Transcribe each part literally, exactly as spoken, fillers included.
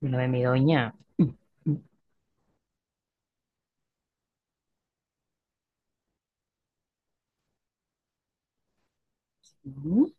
No, de mi doña. Ujú.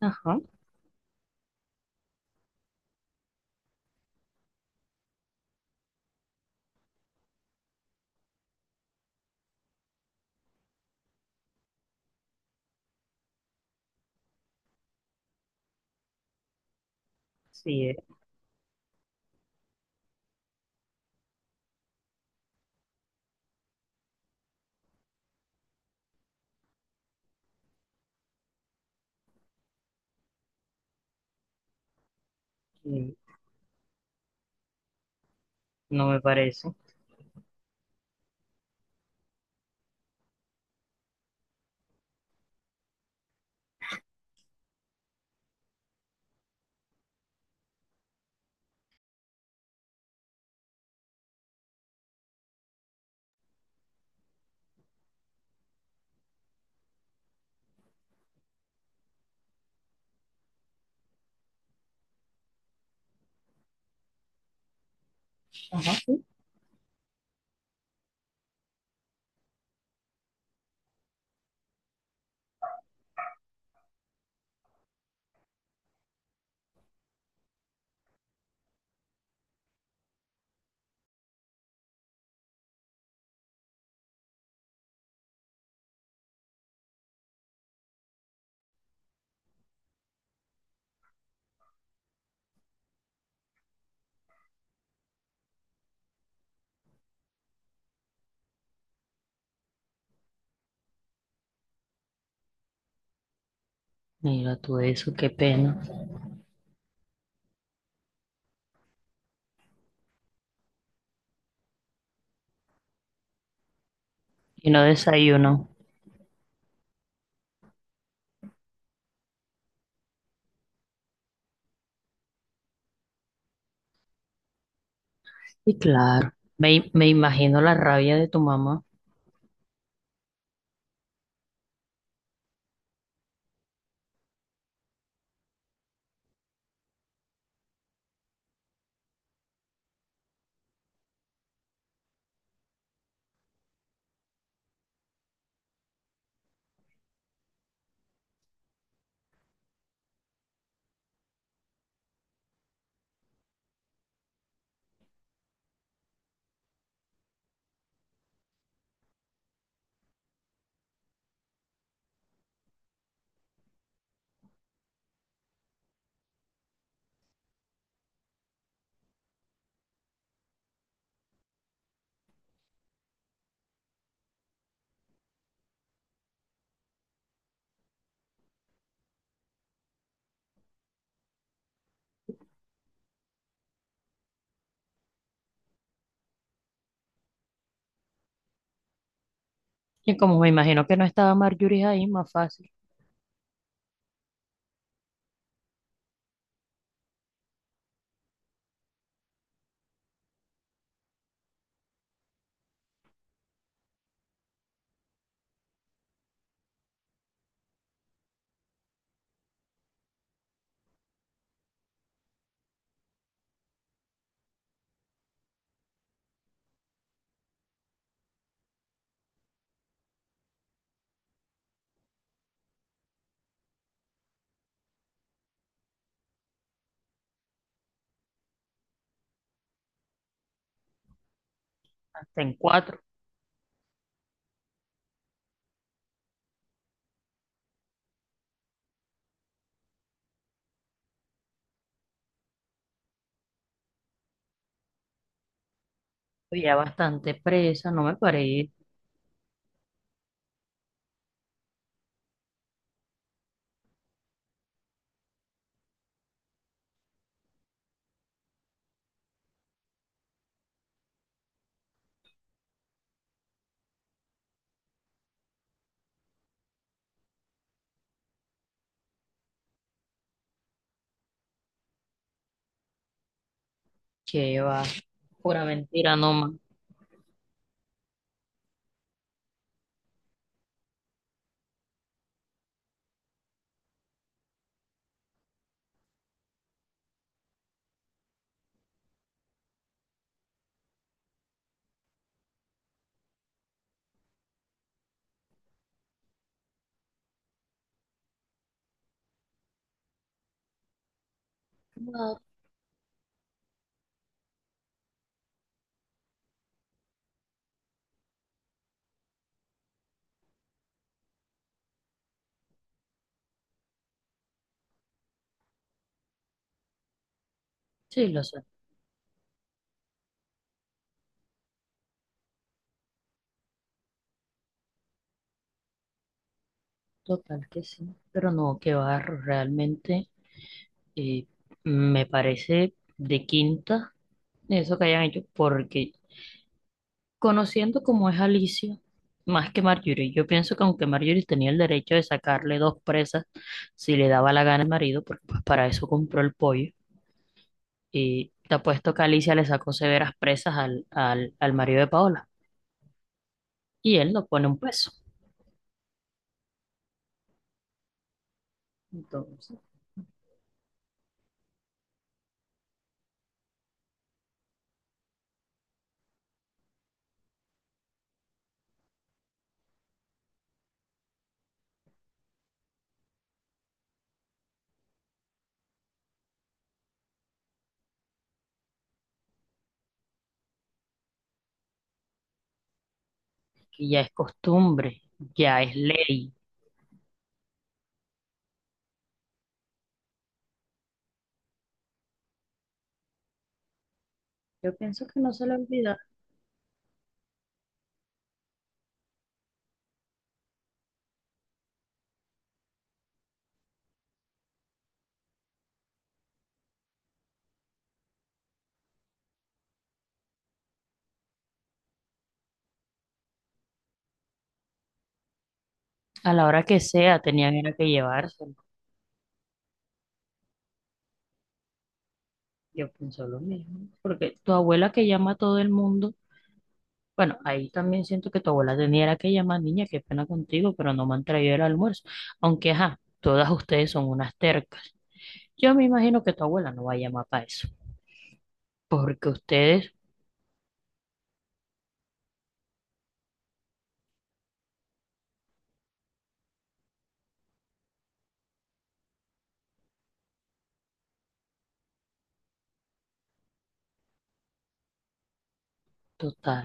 Ajá, sí, es que no me parece. Ajá, sí. Mira tú eso, qué pena. Y no desayuno. Y claro, me, me imagino la rabia de tu mamá. Y como me imagino que no estaba Marjorie ahí, más fácil. Hasta en cuatro. Estoy ya bastante presa, no me parece. Que va, pura mentira nomás. No, sí, lo sé, total que sí. Pero no, que va, realmente, eh, me parece de quinta eso que hayan hecho, porque conociendo cómo es Alicia, más que Marjorie, yo pienso que aunque Marjorie tenía el derecho de sacarle dos presas si le daba la gana al marido, porque pues para eso compró el pollo, y te apuesto que Alicia le sacó severas presas al, al, al marido de Paola, y él no pone un peso. Entonces, que ya es costumbre, ya es ley. Yo pienso que no se le olvida. A la hora que sea, tenían era que llevárselo. Yo pienso lo mismo, porque tu abuela que llama a todo el mundo. Bueno, ahí también siento que tu abuela tenía era que llamar niña, qué pena contigo, pero no me han traído el almuerzo. Aunque, ajá, todas ustedes son unas tercas. Yo me imagino que tu abuela no va a llamar para eso. Porque ustedes, total,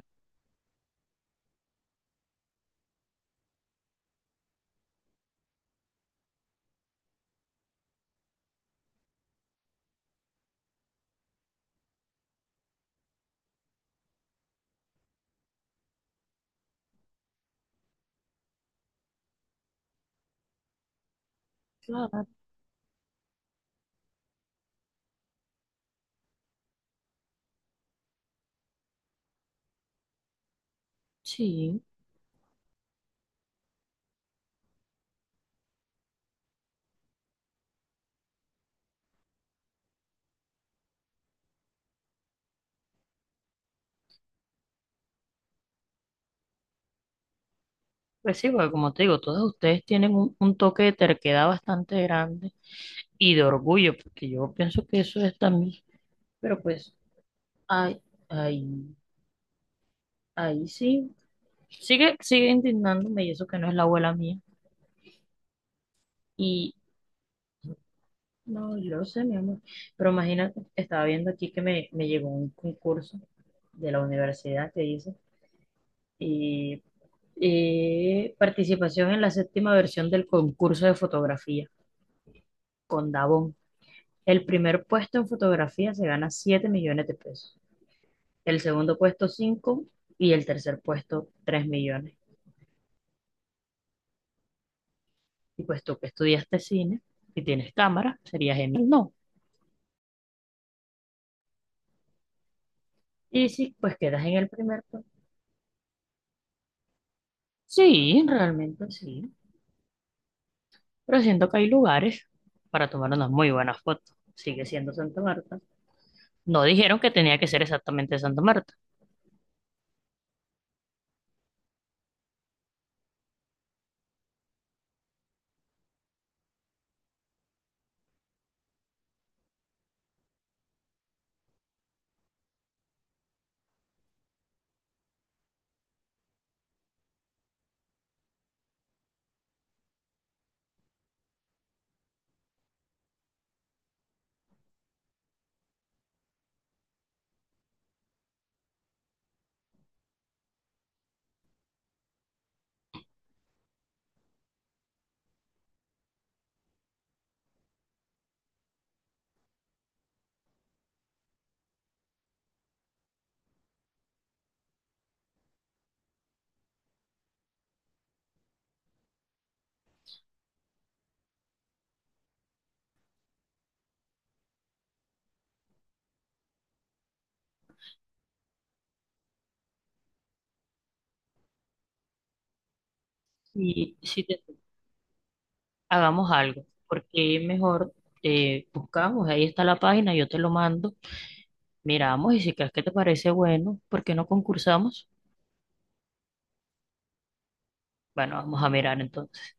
claro, sí. Pues sí, porque como te digo, todas ustedes tienen un, un toque de terquedad bastante grande y de orgullo, porque yo pienso que eso es también. Pero pues, ahí, ahí, ahí sí. Sigue, sigue indignándome y eso que no es la abuela mía. No, yo lo sé, mi amor. Pero imagínate, estaba viendo aquí que me, me llegó un concurso de la universidad que dice, y, y participación en la séptima versión del concurso de fotografía con Davón. El primer puesto en fotografía se gana siete millones de pesos, el segundo puesto cinco y el tercer puesto tres millones. Y pues tú que estudiaste cine y tienes cámara, sería genial, ¿no? Y si pues quedas en el primer puesto. Sí, realmente sí. Pero siento que hay lugares para tomar unas muy buenas fotos. Sigue siendo Santa Marta. No dijeron que tenía que ser exactamente Santa Marta. Y si te- Hagamos algo, porque mejor, eh, buscamos, ahí está la página, yo te lo mando, miramos y si crees que te parece bueno, ¿por qué no concursamos? Bueno, vamos a mirar entonces.